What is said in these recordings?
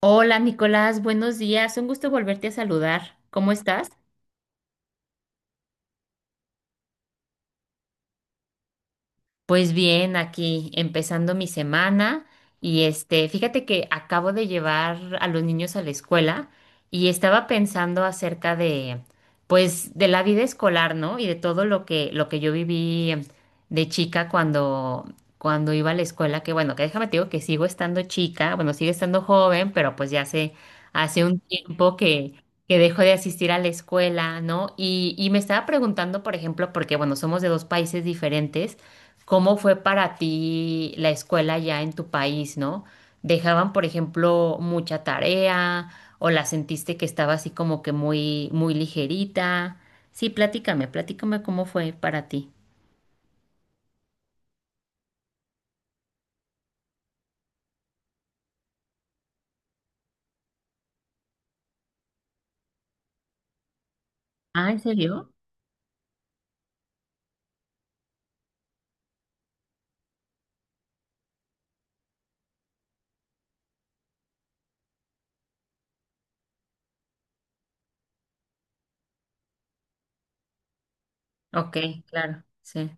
Hola Nicolás, buenos días. Un gusto volverte a saludar. ¿Cómo estás? Pues bien, aquí empezando mi semana y fíjate que acabo de llevar a los niños a la escuela y estaba pensando acerca de, pues, de la vida escolar, ¿no? Y de todo lo que yo viví de chica cuando iba a la escuela, que bueno, que déjame te digo que sigo estando chica, bueno, sigo estando joven, pero pues ya hace un tiempo que dejo de asistir a la escuela, ¿no? Y me estaba preguntando, por ejemplo, porque bueno, somos de dos países diferentes. ¿Cómo fue para ti la escuela ya en tu país, no? ¿Dejaban, por ejemplo, mucha tarea o la sentiste que estaba así como que muy ligerita? Sí, platícame cómo fue para ti. Ah, ¿en serio? Ok, claro, sí.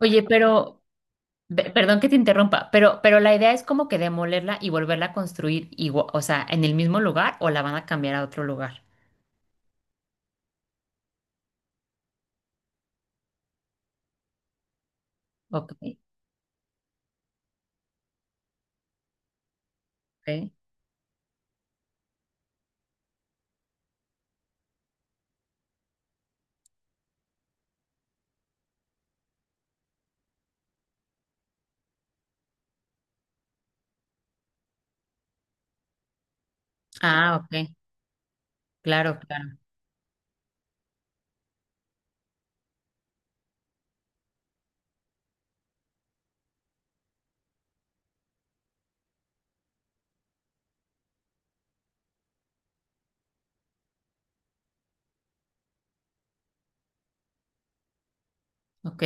Oye, perdón que te interrumpa, pero la idea es como que demolerla y volverla a construir o sea, ¿en el mismo lugar o la van a cambiar a otro lugar? Ok, ok. Ah, ok, claro, claro, ok.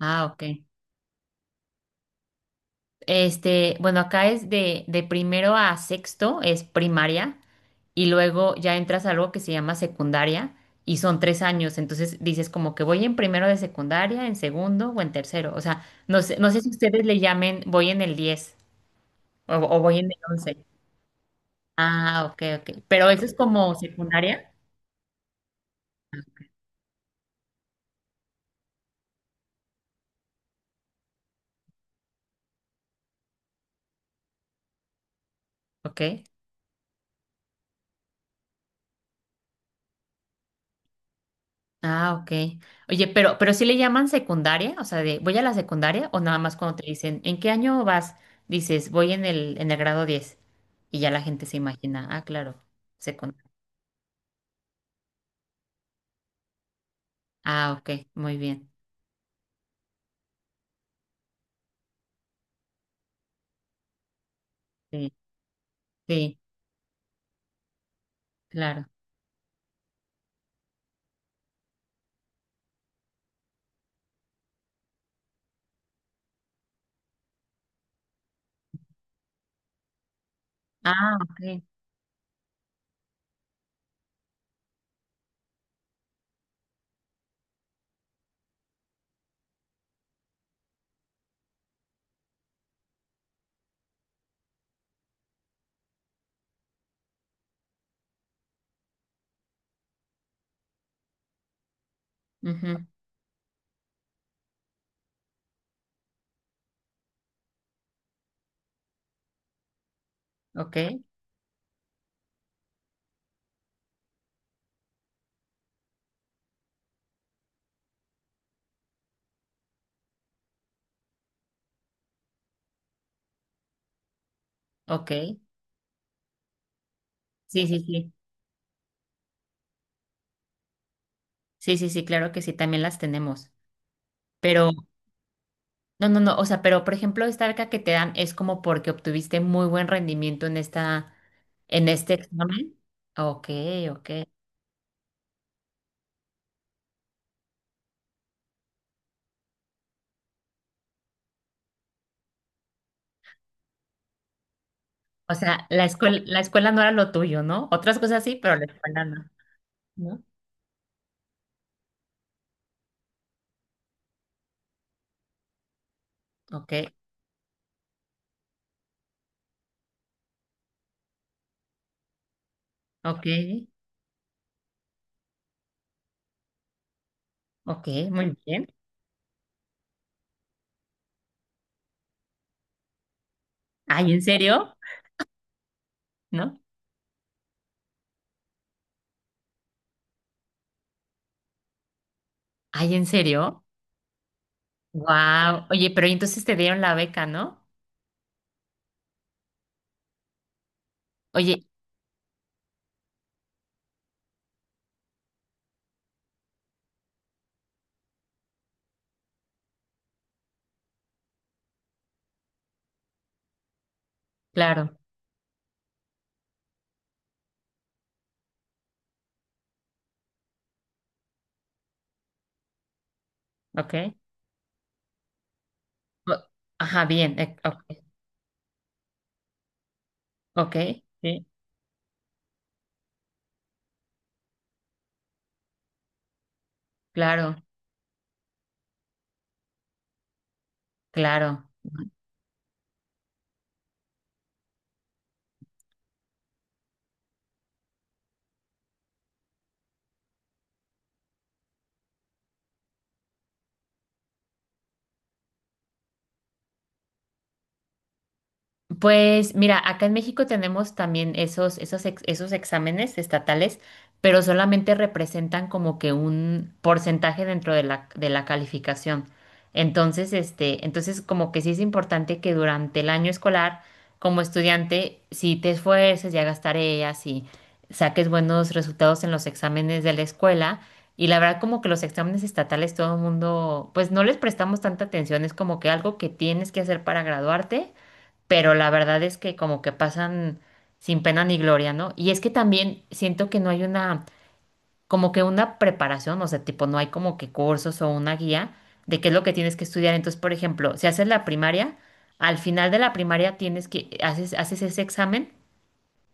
Ah, ok. Bueno, acá es de primero a sexto, es primaria, y luego ya entras a algo que se llama secundaria, y son tres años, entonces dices como que voy en primero de secundaria, en segundo o en tercero, o sea, no sé, no sé si ustedes le llamen voy en el 10 o voy en el 11. Ah, ok, ok, pero eso es como secundaria, ok. Ah, ok. Oye, pero sí le llaman secundaria, o sea, de voy a la secundaria o nada más cuando te dicen, ¿en qué año vas? Dices, voy en en el grado diez. Y ya la gente se imagina, ah, claro, secundaria. Ah, ok, muy bien. Sí, sí, claro. Ah, ok. Ujú. Ok, ok. Sí, sí, sí. Sí, sí, sí, claro que sí, también las tenemos. Pero. No, no, no, o sea, pero por ejemplo, esta beca que te dan es como porque obtuviste muy buen rendimiento en en este examen. Ok, ok. O sea, la escuela no era lo tuyo, ¿no? Otras cosas sí, pero la escuela no, ¿no? Ok, ok, ok, muy bien. Ay, ¿en serio? ¿No? Ay, ¿en serio? Wow. Oye, ¿pero y entonces te dieron la beca, ¿no? Oye, claro, ok. O- Ajá, bien, ok, ok, sí, claro, claro. Pues mira, acá en México tenemos también esos exámenes estatales, pero solamente representan como que un porcentaje dentro de de la calificación. Entonces como que sí es importante que durante el año escolar, como estudiante, si te esfuerces y hagas tareas y saques buenos resultados en los exámenes de la escuela, y la verdad como que los exámenes estatales todo el mundo, pues no les prestamos tanta atención, es como que algo que tienes que hacer para graduarte, pero la verdad es que como que pasan sin pena ni gloria, ¿no? Y es que también siento que no hay una, como que una preparación, o sea, tipo, no hay como que cursos o una guía de qué es lo que tienes que estudiar. Entonces, por ejemplo, si haces la primaria, al final de la primaria tienes haces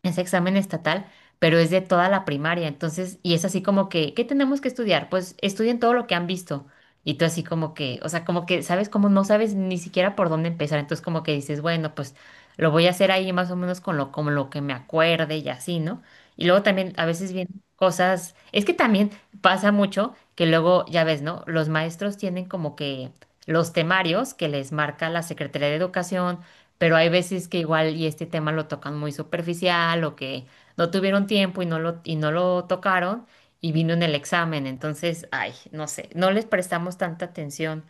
ese examen estatal, pero es de toda la primaria. Entonces, y es así como que, ¿qué tenemos que estudiar? Pues estudien todo lo que han visto. Y tú así como que, o sea, como que, ¿sabes? Como no sabes ni siquiera por dónde empezar. Entonces como que dices, bueno, pues lo voy a hacer ahí más o menos con como lo que me acuerde y así, ¿no? Y luego también a veces vienen cosas, es que también pasa mucho que luego, ya ves, ¿no? Los maestros tienen como que los temarios que les marca la Secretaría de Educación, pero hay veces que igual y este tema lo tocan muy superficial o que no tuvieron tiempo y no lo tocaron y vino en el examen, entonces, ay, no sé, no les prestamos tanta atención,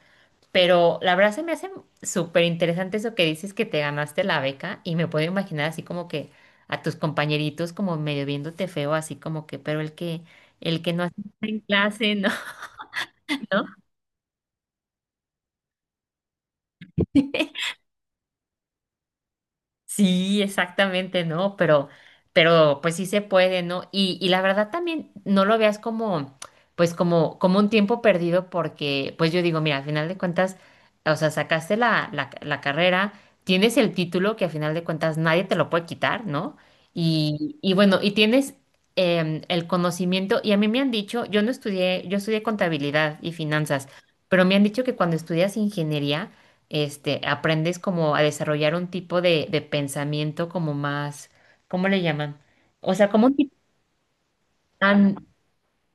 pero la verdad se me hace súper interesante eso que dices que te ganaste la beca y me puedo imaginar así como que a tus compañeritos como medio viéndote feo, así como que, pero el que no hace clase, ¿no? ¿No? Sí, exactamente, ¿no? Pero pues sí se puede, ¿no? Y la verdad también no lo veas como, pues como, como un tiempo perdido porque, pues yo digo, mira, al final de cuentas, o sea, sacaste la carrera, tienes el título que al final de cuentas nadie te lo puede quitar, ¿no? Y bueno, y tienes em, el conocimiento, y a mí me han dicho, yo no estudié, yo estudié contabilidad y finanzas, pero me han dicho que cuando estudias ingeniería, este, aprendes como a desarrollar un tipo de pensamiento como más, ¿cómo le llaman? O sea, como un tipo,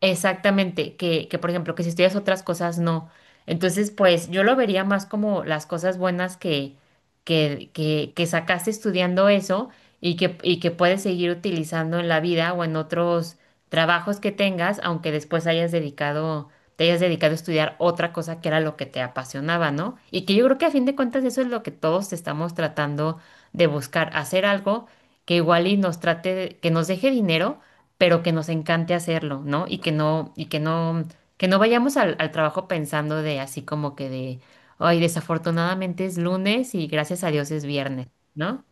exactamente, que por ejemplo, que si estudias otras cosas, no. Entonces, pues yo lo vería más como las cosas buenas que sacaste estudiando eso y que puedes seguir utilizando en la vida o en otros trabajos que tengas, aunque después hayas dedicado, te hayas dedicado a estudiar otra cosa que era lo que te apasionaba, ¿no? Y que yo creo que a fin de cuentas eso es lo que todos estamos tratando de buscar, hacer algo que igual y nos que nos deje dinero pero que nos encante hacerlo, ¿no? Que no, que no vayamos al trabajo pensando de así como que de, ay, desafortunadamente es lunes y gracias a Dios es viernes, ¿no?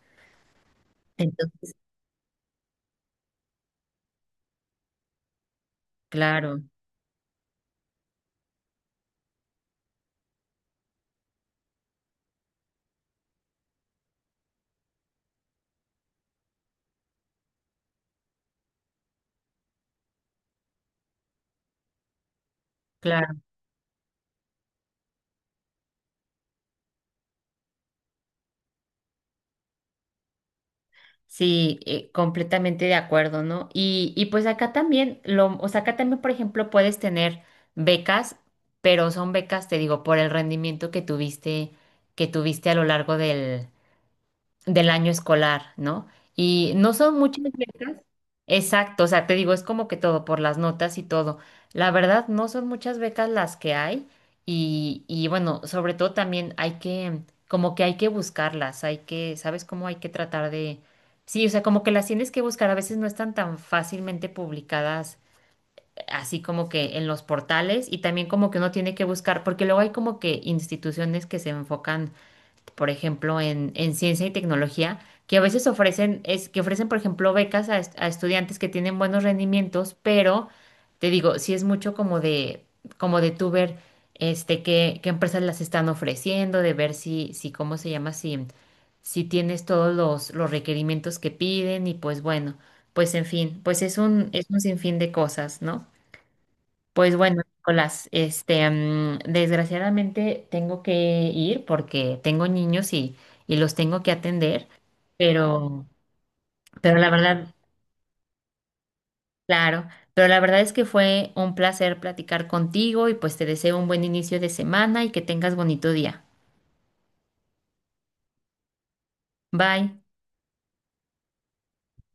Entonces, claro, claro, sí, completamente de acuerdo, ¿no? Y pues acá también, lo, o sea, acá también, por ejemplo, puedes tener becas, pero son becas, te digo, por el rendimiento que tuviste a lo largo del año escolar, ¿no? Y no son muchas becas. Exacto, o sea, te digo, es como que todo, por las notas y todo. La verdad, no son muchas becas las que hay y bueno, sobre todo también hay como que hay que buscarlas, hay que, ¿sabes cómo hay que tratar de... Sí, o sea, como que las tienes que buscar, a veces no están tan fácilmente publicadas, así como que en los portales y también como que uno tiene que buscar, porque luego hay como que instituciones que se enfocan por ejemplo, en ciencia y tecnología, que a veces que ofrecen, por ejemplo, becas a, a estudiantes que tienen buenos rendimientos, pero te digo, sí es mucho como como de tú ver este, qué empresas las están ofreciendo, de ver si, ¿cómo se llama? Si, si tienes todos los requerimientos que piden, y pues bueno, pues en fin, pues es un sinfín de cosas, ¿no? Pues bueno, Nicolás, desgraciadamente tengo que ir porque tengo niños y los tengo que atender, pero, pero la verdad, claro, pero la verdad es que fue un placer platicar contigo y pues te deseo un buen inicio de semana y que tengas bonito día. Bye.